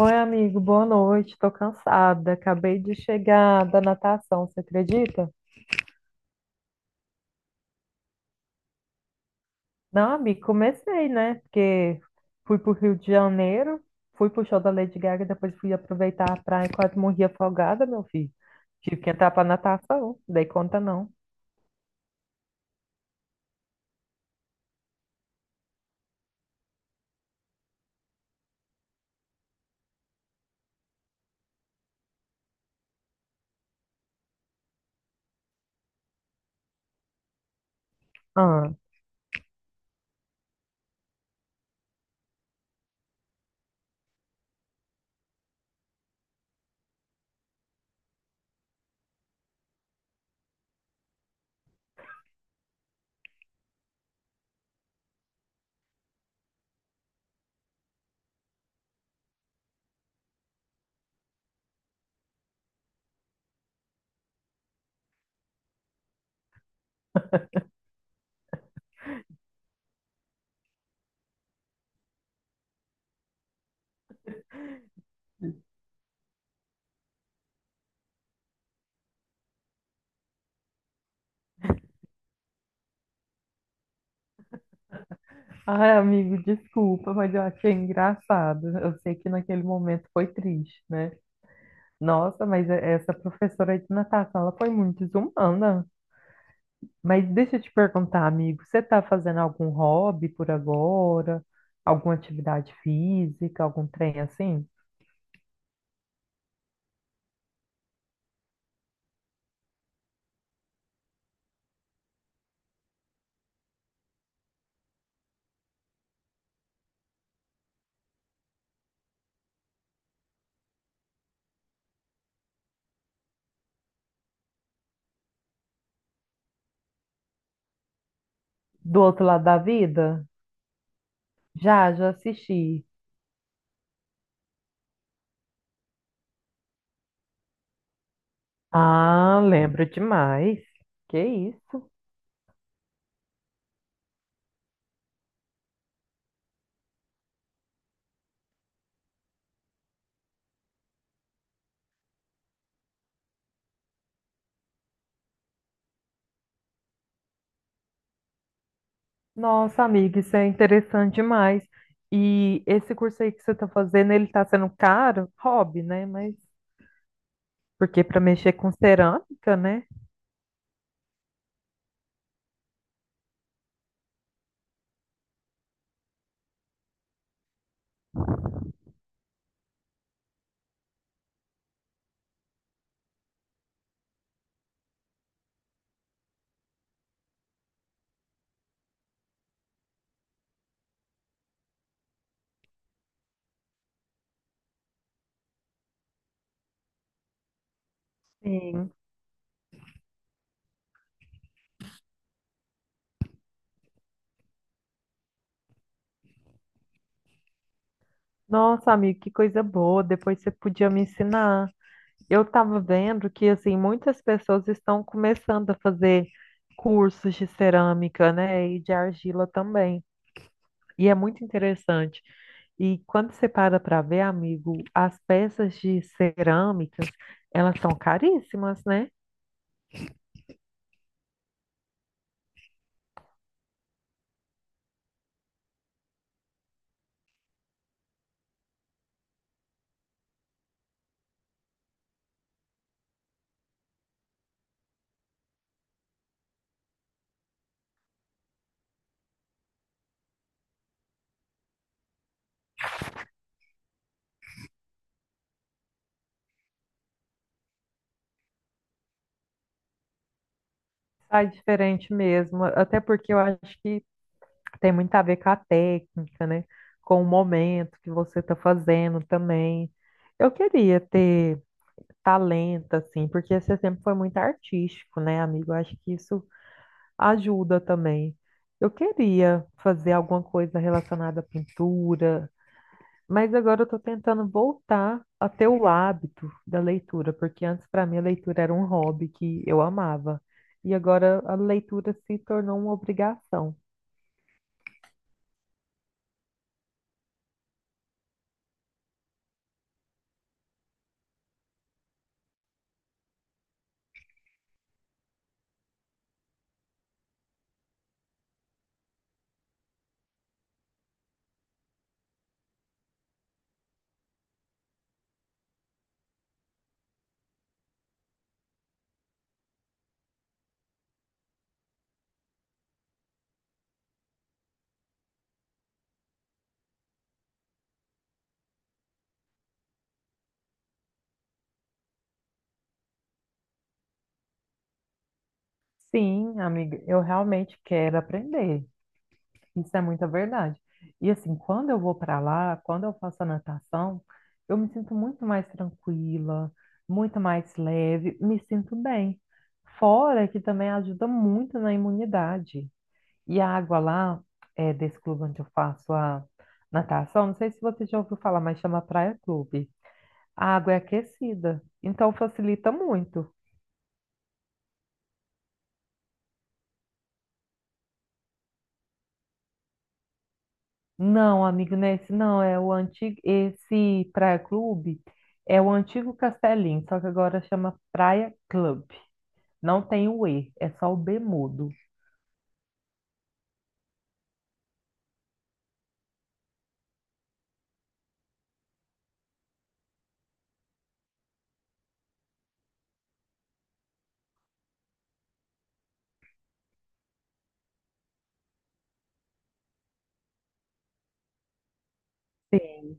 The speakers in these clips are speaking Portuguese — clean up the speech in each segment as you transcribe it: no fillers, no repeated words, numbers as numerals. Oi, amigo, boa noite. Tô cansada. Acabei de chegar da natação, você acredita? Não, amigo, comecei, né? Porque fui pro Rio de Janeiro, fui pro show da Lady Gaga, depois fui aproveitar a praia e quase morri afogada, meu filho. Tive que entrar pra natação, dei conta não. Ah. Ai, amigo, desculpa, mas eu achei engraçado. Eu sei que naquele momento foi triste, né? Nossa, mas essa professora de natação, ela foi muito desumana. Mas deixa eu te perguntar, amigo, você tá fazendo algum hobby por agora? Alguma atividade física, algum trem assim? Do outro lado da vida? Já, já assisti. Ah, lembro demais. Que isso? Nossa, amiga, isso é interessante demais. E esse curso aí que você está fazendo, ele está sendo caro? Hobby, né? Mas porque para mexer com cerâmica, né? Sim. Nossa, amigo, que coisa boa. Depois você podia me ensinar. Eu estava vendo que assim muitas pessoas estão começando a fazer cursos de cerâmica, né? E de argila também. E é muito interessante. E quando você para para ver, amigo, as peças de cerâmicas, elas são caríssimas, né? Sai diferente mesmo, até porque eu acho que tem muito a ver com a técnica, né? Com o momento que você está fazendo também. Eu queria ter talento, assim, porque você sempre foi muito artístico, né, amigo? Eu acho que isso ajuda também. Eu queria fazer alguma coisa relacionada à pintura, mas agora eu tô tentando voltar a ter o hábito da leitura, porque antes para mim a leitura era um hobby que eu amava. E agora a leitura se tornou uma obrigação. Sim, amiga, eu realmente quero aprender. Isso é muita verdade. E assim, quando eu vou para lá, quando eu faço a natação, eu me sinto muito mais tranquila, muito mais leve, me sinto bem. Fora que também ajuda muito na imunidade. E a água lá, desse clube onde eu faço a natação, não sei se você já ouviu falar, mas chama Praia Clube. A água é aquecida, então facilita muito. Não, amigo, não é esse não, é o antigo, esse Praia Clube é o antigo Castelinho, só que agora chama Praia Clube. Não tem o E, é só o B mudo. Sim.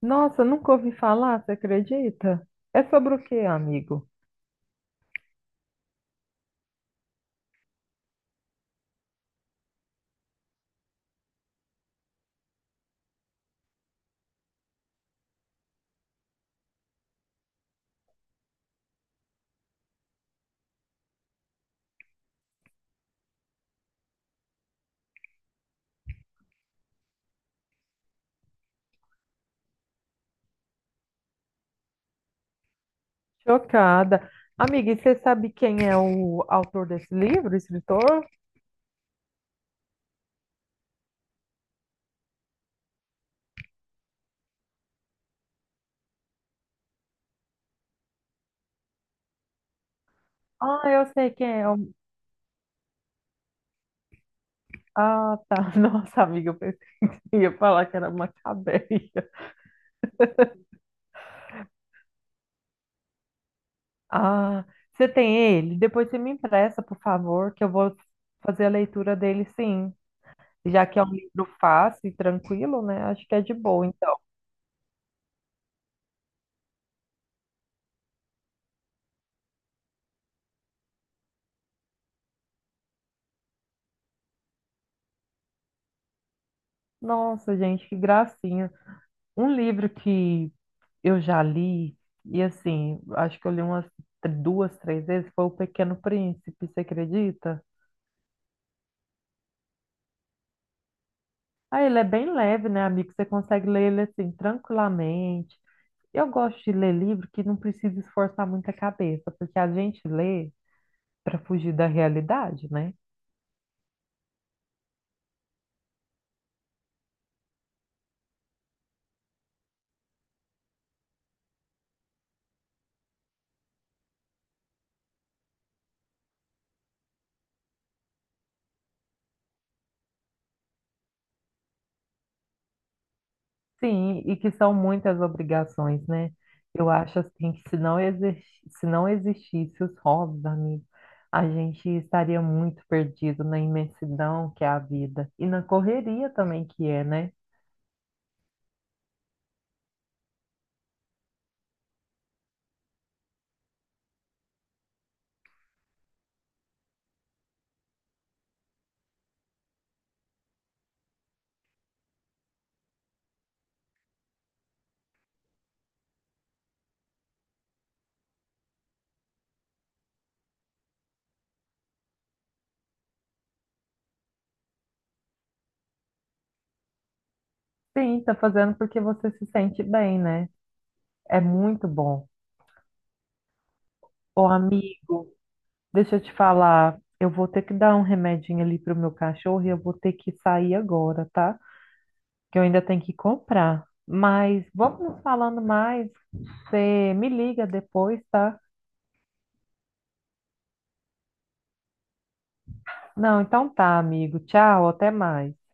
Nossa, nunca ouvi falar, você acredita? É sobre o quê, amigo? Chocada. Amiga, e você sabe quem é o autor desse livro, escritor? Ah, eu sei quem é. Ah, tá. Nossa, amiga, eu pensei que você ia falar que era Macabeia. Ah, você tem ele? Depois você me empresta, por favor, que eu vou fazer a leitura dele, sim. Já que é um livro fácil e tranquilo, né? Acho que é de boa, então. Nossa, gente, que gracinha. Um livro que eu já li, e assim, acho que eu li umas duas, três vezes, foi O Pequeno Príncipe, você acredita? Ah, ele é bem leve, né, amigo? Você consegue ler ele assim, tranquilamente. Eu gosto de ler livro que não precisa esforçar muito a cabeça, porque a gente lê para fugir da realidade, né? Sim, e que são muitas obrigações, né? Eu acho assim que se não existisse os hobbies, amigo, a gente estaria muito perdido na imensidão que é a vida e na correria também que é, né? Sim, tá fazendo porque você se sente bem, né? É muito bom. Ô, amigo. Deixa eu te falar, eu vou ter que dar um remedinho ali pro meu cachorro e eu vou ter que sair agora, tá? Que eu ainda tenho que comprar. Mas vamos nos falando mais. Você me liga depois, tá? Não, então tá, amigo. Tchau, até mais.